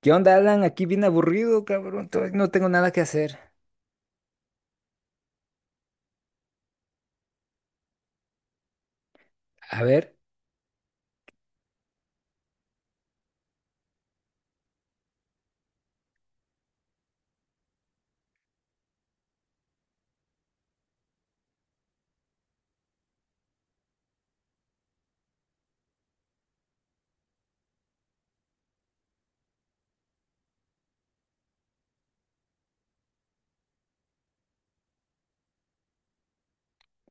¿Qué onda, Alan? Aquí bien aburrido, cabrón. Todavía no tengo nada que hacer. A ver,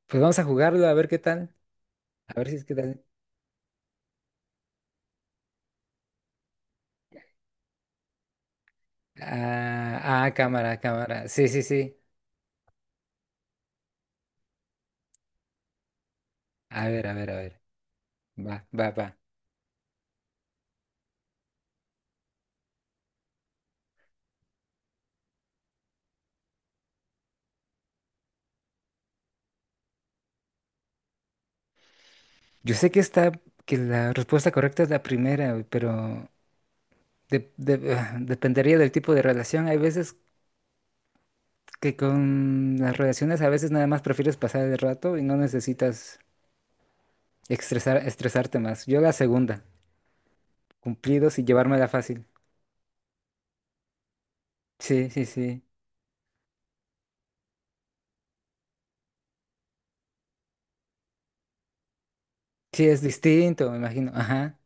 pues vamos a jugarlo, a ver qué tal. A ver si es que tal. Cámara, cámara. Sí, sí, sí. A ver, a ver, a ver. Va, va, va. Yo sé que la respuesta correcta es la primera, güey, pero dependería del tipo de relación. Hay veces que con las relaciones a veces nada más prefieres pasar el rato y no necesitas estresarte más. Yo la segunda, cumplidos y llevármela fácil. Sí, sí, sí. Sí, es distinto, me imagino. Ajá.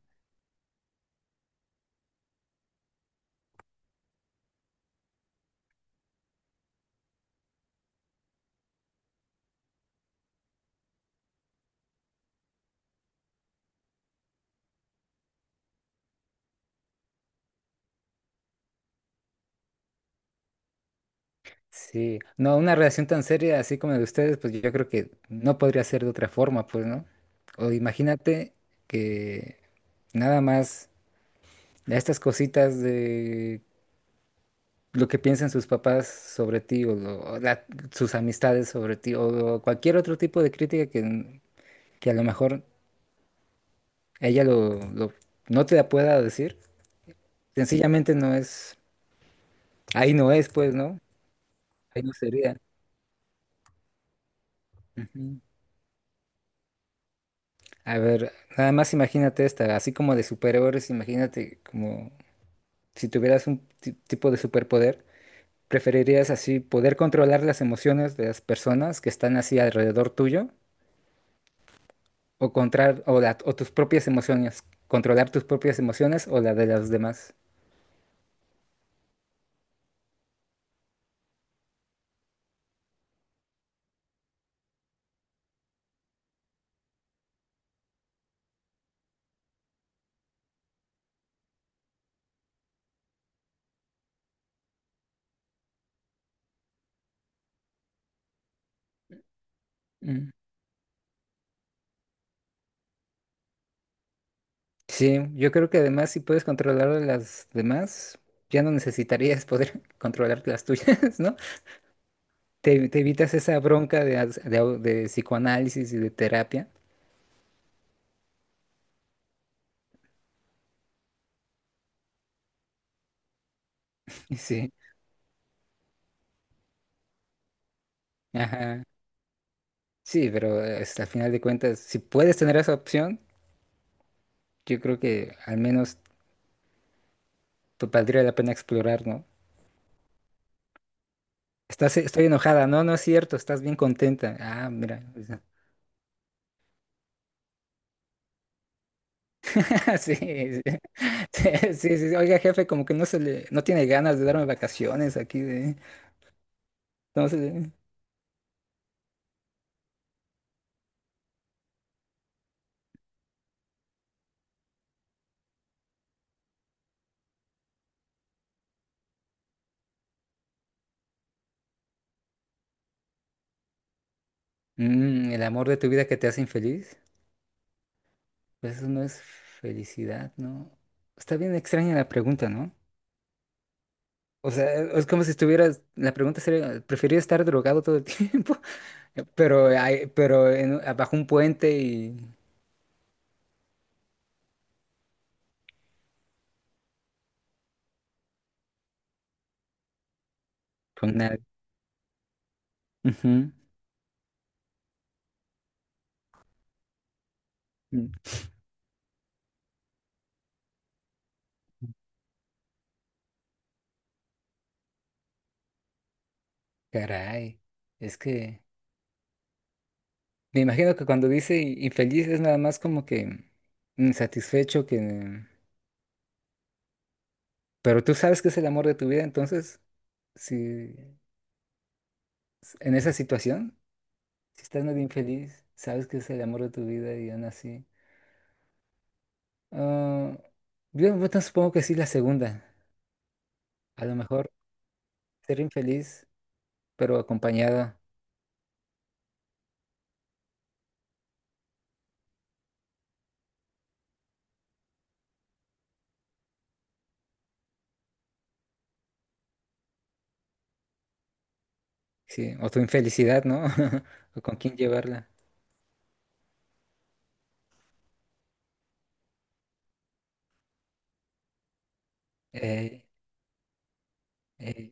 Sí. No, una relación tan seria así como la de ustedes, pues yo creo que no podría ser de otra forma, pues, ¿no? O imagínate que nada más estas cositas de lo que piensan sus papás sobre ti o, sus amistades sobre ti o cualquier otro tipo de crítica que a lo mejor ella no te la pueda decir. Sencillamente no es, ahí no es, pues, ¿no? Ahí no sería. Ujú. A ver, nada más imagínate esta, así como de superhéroes, imagínate como si tuvieras un tipo de superpoder. ¿Preferirías así poder controlar las emociones de las personas que están así alrededor tuyo o controlar o, la- o tus propias emociones, controlar tus propias emociones o la de los demás? Mm. Sí, yo creo que además si puedes controlar a las demás, ya no necesitarías poder controlar las tuyas, ¿no? Te evitas esa bronca de, de psicoanálisis y de terapia. Sí. Ajá. Sí, pero hasta al final de cuentas, si puedes tener esa opción, yo creo que al menos te valdría la pena explorar, ¿no? Estoy enojada, no, no es cierto, estás bien contenta. Ah, mira. Sí, sí, sí, sí, sí. Oiga, jefe, como que no tiene ganas de darme vacaciones aquí de. Entonces, mm, el amor de tu vida que te hace infeliz, pues eso no es felicidad, ¿no? Está bien extraña la pregunta, ¿no? O sea, es como si estuvieras, la pregunta sería, ¿preferiría estar drogado todo el tiempo? Pero, abajo un puente y con nadie. Ujú. Mm, caray, es que me imagino que cuando dice infeliz es nada más como que insatisfecho que... Pero tú sabes que es el amor de tu vida, entonces, si en esa situación, si estás medio infeliz, sabes que es el amor de tu vida y aún así... ah, yo bueno, supongo que sí la segunda. A lo mejor ser infeliz, pero acompañado. Sí, o tu infelicidad, ¿no? O con quién llevarla. Eh, eh,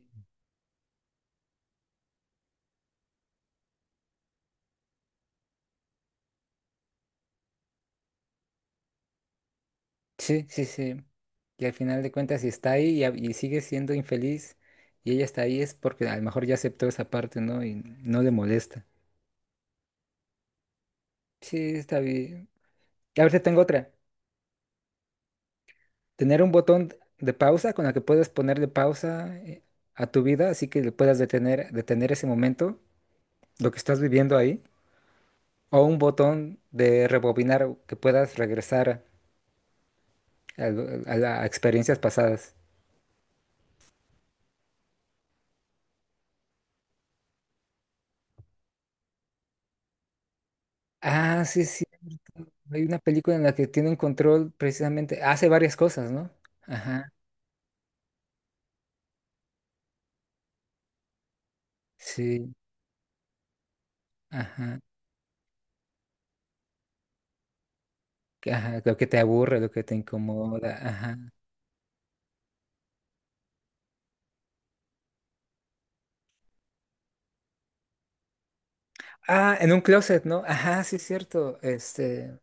sí, sí, sí. Y al final de cuentas, si está ahí y, y sigue siendo infeliz y ella está ahí, es porque a lo mejor ya aceptó esa parte, ¿no? Y no le molesta. Sí, está bien. Y ahorita tengo otra. Tener un botón de pausa con el que puedas ponerle pausa, a tu vida, así que le puedas detener ese momento, lo que estás viviendo ahí. O un botón de rebobinar que puedas regresar a, a experiencias pasadas. Ah, sí, es cierto. Hay una película en la que tienen control precisamente, hace varias cosas, ¿no? Ajá, sí, ajá, ajá, lo que te aburre, lo que te incomoda, ajá. Ah, en un closet, ¿no? Ajá, sí, es cierto, este,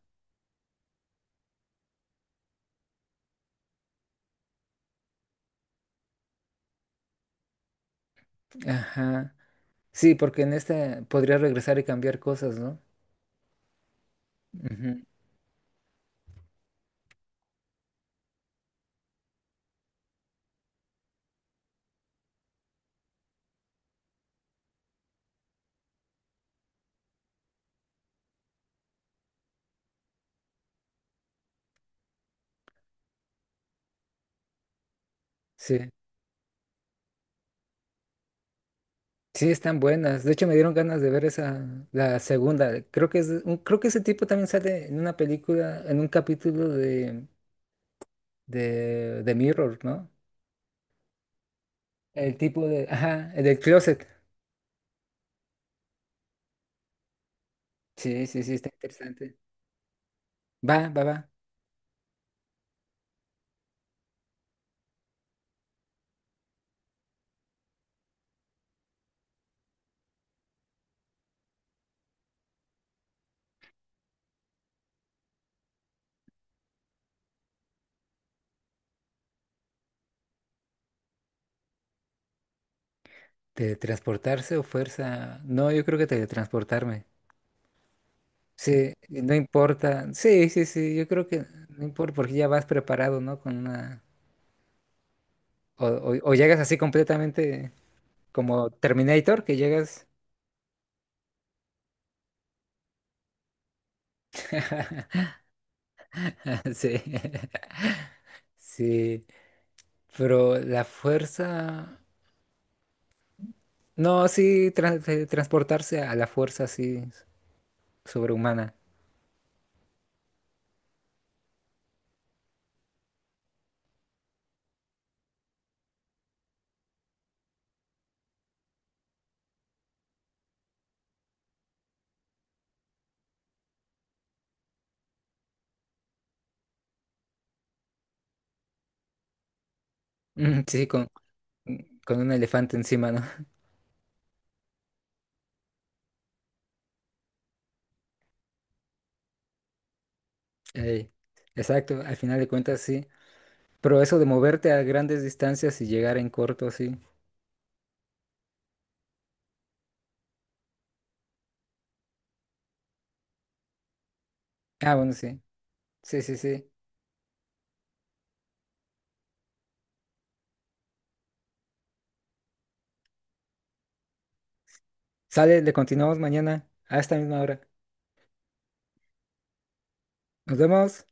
ajá. Sí, porque en este podría regresar y cambiar cosas, ¿no? Ujú. Sí, sí, están buenas. De hecho, me dieron ganas de ver esa, la segunda. Creo que es, creo que ese tipo también sale en una película, en un capítulo de, de Mirror, ¿no? El tipo de, ajá, el del closet. Sí, sí, sí, está interesante. Va, va, va. ¿Teletransportarse o fuerza? No, yo creo que teletransportarme. Sí, no importa. Sí, sí, sí, yo creo que no importa porque ya vas preparado, ¿no? Con una... O, o llegas así completamente como Terminator, que llegas... Sí, sí. Pero la fuerza... No, sí, transportarse a la fuerza así sobrehumana. Mm, sí, con un elefante encima, ¿no? Ey, exacto, al final de cuentas sí. Pero eso de moverte a grandes distancias y llegar en corto, sí. Ah, bueno, sí. Sí, sí, sí. Sale, le continuamos mañana a esta misma hora. Nos vemos.